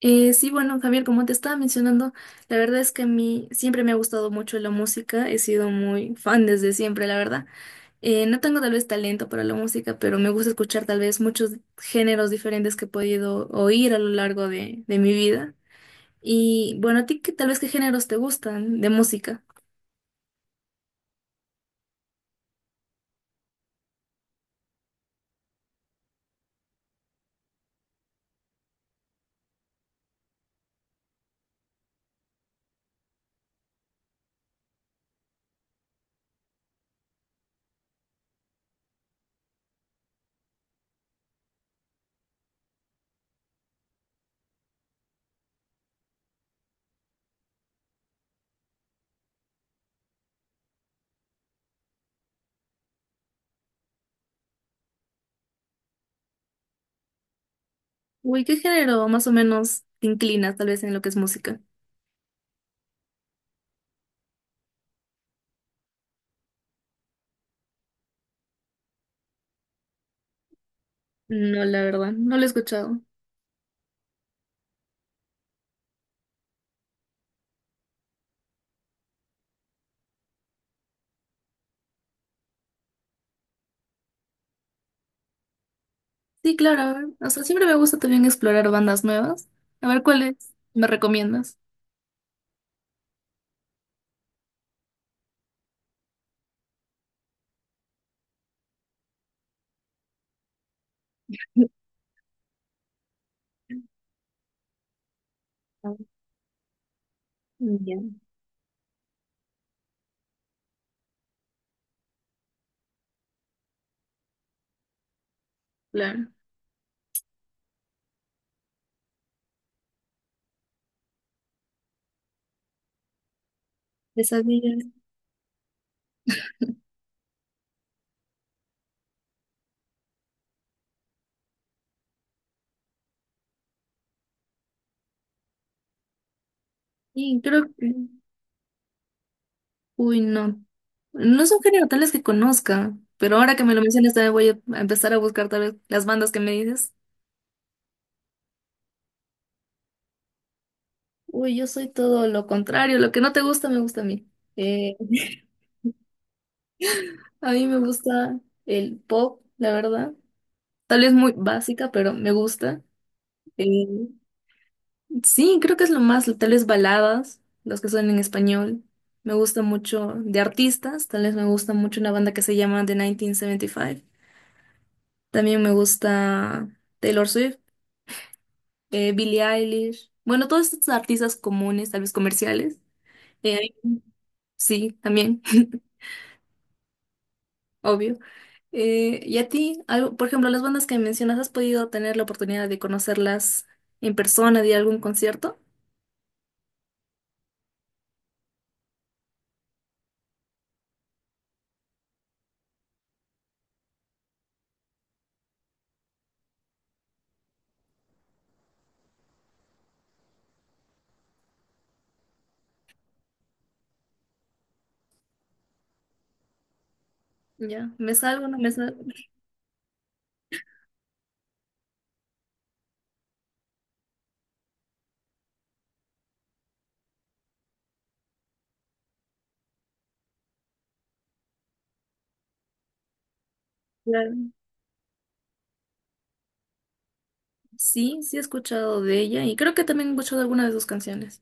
Sí, bueno, Javier, como te estaba mencionando, la verdad es que a mí siempre me ha gustado mucho la música, he sido muy fan desde siempre, la verdad. No tengo tal vez talento para la música, pero me gusta escuchar tal vez muchos géneros diferentes que he podido oír a lo largo de mi vida. Y bueno, ¿a ti qué, tal vez qué géneros te gustan de música? Uy, ¿qué género más o menos te inclinas tal vez en lo que es música? No, la verdad, no lo he escuchado. Sí, claro, a ver, o sea, siempre me gusta también explorar bandas nuevas. A ver, ¿cuáles me recomiendas? Ah. Ya, claro. Esas vidas. Y creo que. Uy, no. No son género tales que conozca. Pero ahora que me lo mencionas, también voy a empezar a buscar tal vez las bandas que me dices. Uy, yo soy todo lo contrario. Lo que no te gusta, me gusta a mí. Eh, a mí me gusta el pop, la verdad. Tal vez muy básica, pero me gusta. Eh, Sí, creo que es lo más, tal vez baladas, los que son en español. Me gusta mucho de artistas, tal vez me gusta mucho una banda que se llama The 1975. También me gusta Taylor Swift, Billie Eilish. Bueno, todos estos artistas comunes, tal vez comerciales. Eh, sí, también, obvio. ¿Y a ti? Algo, por ejemplo, las bandas que mencionas, ¿has podido tener la oportunidad de conocerlas en persona, de ir a algún concierto? Ya, ¿me salgo? ¿No me salgo? Sí, sí he escuchado de ella y creo que también he escuchado alguna de sus canciones.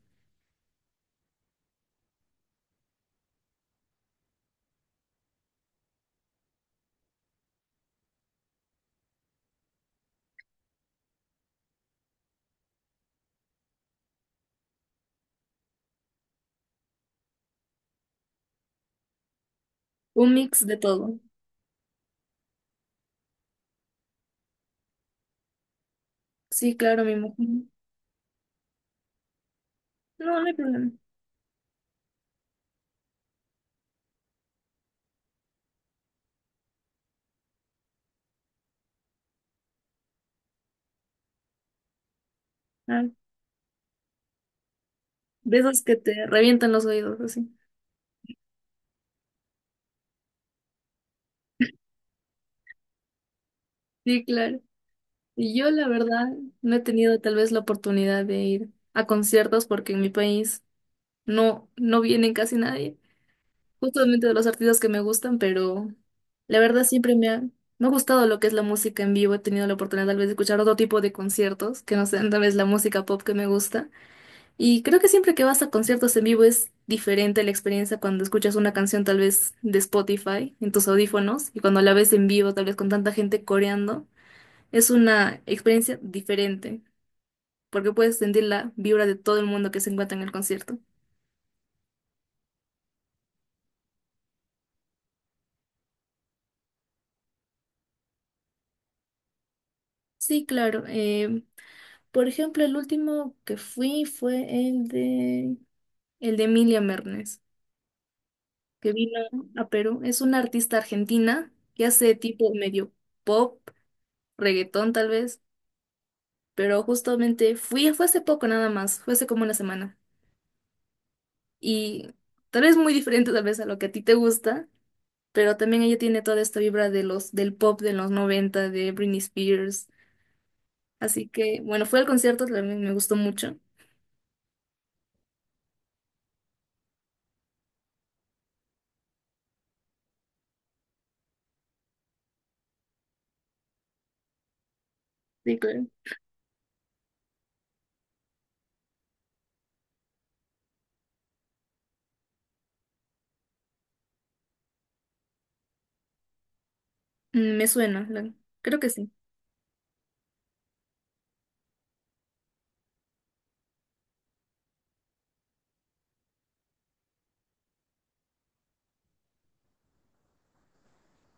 Un mix de todo. Sí, claro, me imagino. No, no hay problema. Ah, de esas que te revientan los oídos, así. Sí, claro. Y yo, la verdad, no he tenido tal vez la oportunidad de ir a conciertos porque en mi país no vienen casi nadie, justamente de los artistas que me gustan, pero la verdad siempre me ha gustado lo que es la música en vivo. He tenido la oportunidad tal vez de escuchar otro tipo de conciertos que no sean tal vez la música pop que me gusta. Y creo que siempre que vas a conciertos en vivo es diferente la experiencia cuando escuchas una canción tal vez de Spotify en tus audífonos y cuando la ves en vivo tal vez con tanta gente coreando. Es una experiencia diferente porque puedes sentir la vibra de todo el mundo que se encuentra en el concierto. Sí, claro. Por ejemplo, el último que fui fue el el de Emilia Mernes, que vino a Perú. Es una artista argentina que hace tipo medio pop, reggaetón tal vez, pero justamente fui, fue hace poco nada más, fue hace como una semana. Y tal vez muy diferente tal vez a lo que a ti te gusta, pero también ella tiene toda esta vibra de del pop de los 90 de Britney Spears. Así que, bueno, fue al concierto, también me gustó mucho. Sí, claro. Mm, me suena, la- creo que sí.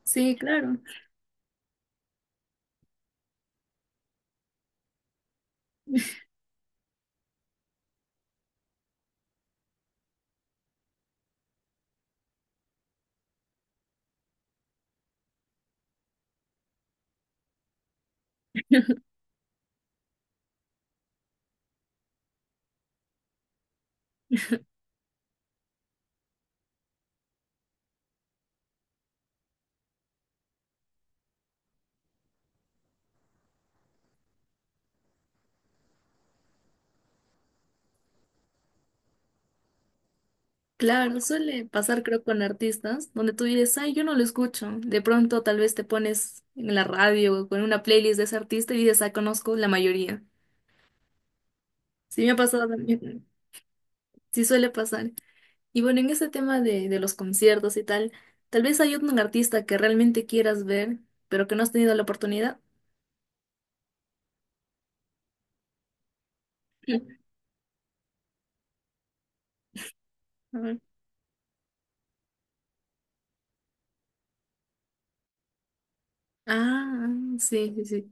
Sí, claro. Claro, suele pasar creo con artistas donde tú dices, ay, yo no lo escucho. De pronto tal vez te pones en la radio o con una playlist de ese artista y dices, ah, conozco la mayoría. Sí, me ha pasado también. Sí suele pasar. Y bueno, en ese tema de los conciertos y tal, tal vez hay un artista que realmente quieras ver, pero que no has tenido la oportunidad. Sí. A ver. Ah, sí, sí, sí.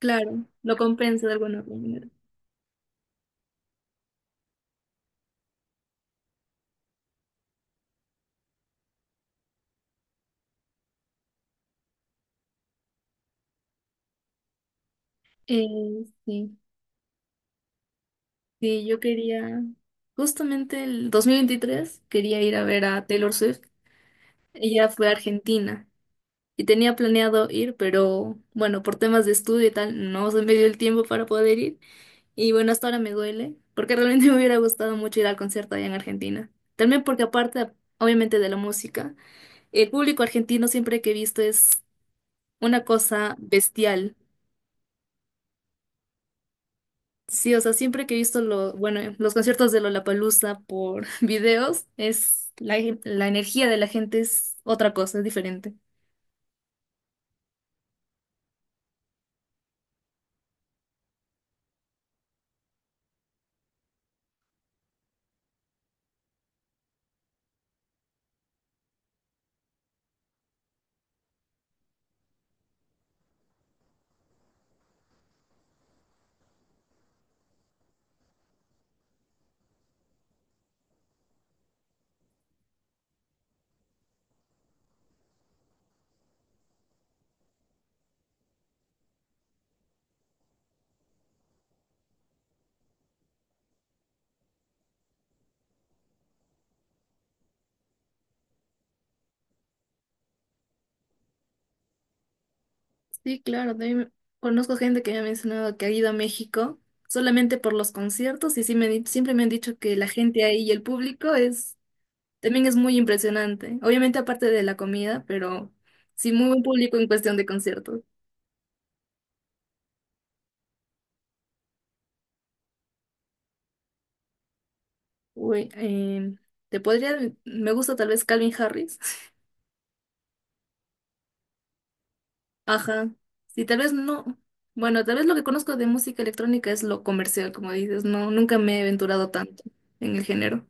Claro, lo compensa de alguna manera. Eh, sí, sí, yo quería, justamente el 2023 quería ir a ver a Taylor Swift. Ella fue a Argentina y tenía planeado ir, pero bueno, por temas de estudio y tal, no se me dio el tiempo para poder ir. Y bueno, hasta ahora me duele, porque realmente me hubiera gustado mucho ir al concierto allá en Argentina. También porque aparte, obviamente, de la música, el público argentino siempre que he visto es una cosa bestial. Sí, o sea, siempre que he visto lo, bueno, los conciertos de Lollapalooza por videos, es la energía de la gente es otra cosa, es diferente. Sí, claro, también conozco gente que me ha mencionado que ha ido a México solamente por los conciertos y sí me, di- siempre me han dicho que la gente ahí y el público es también es muy impresionante. Obviamente aparte de la comida, pero sí muy buen público en cuestión de conciertos. Uy, em, Te podría, me gusta tal vez Calvin Harris. Ajá. Sí, tal vez no. Bueno, tal vez lo que conozco de música electrónica es lo comercial, como dices. No, nunca me he aventurado tanto en el género.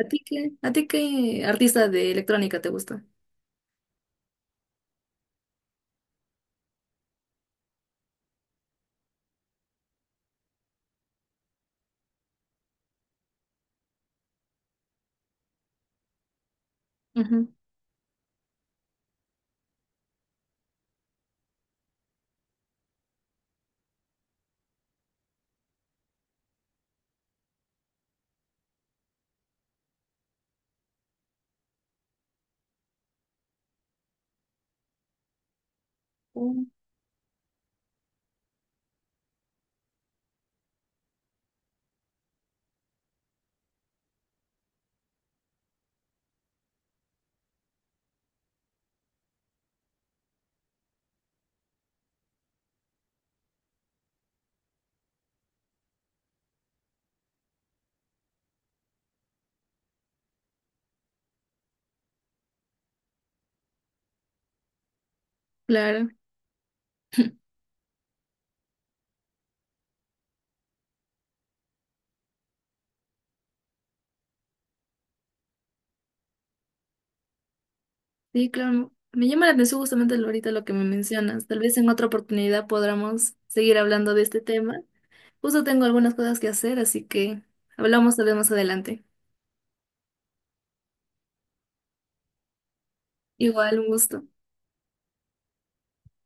A ti qué artista de electrónica te gusta? Ujú. Mm. Claro. Sí, claro. Me llama la atención justamente lo- ahorita lo que me mencionas. Tal vez en otra oportunidad podamos seguir hablando de este tema. Justo tengo algunas cosas que hacer, así que hablamos tal vez más adelante. Igual, un gusto.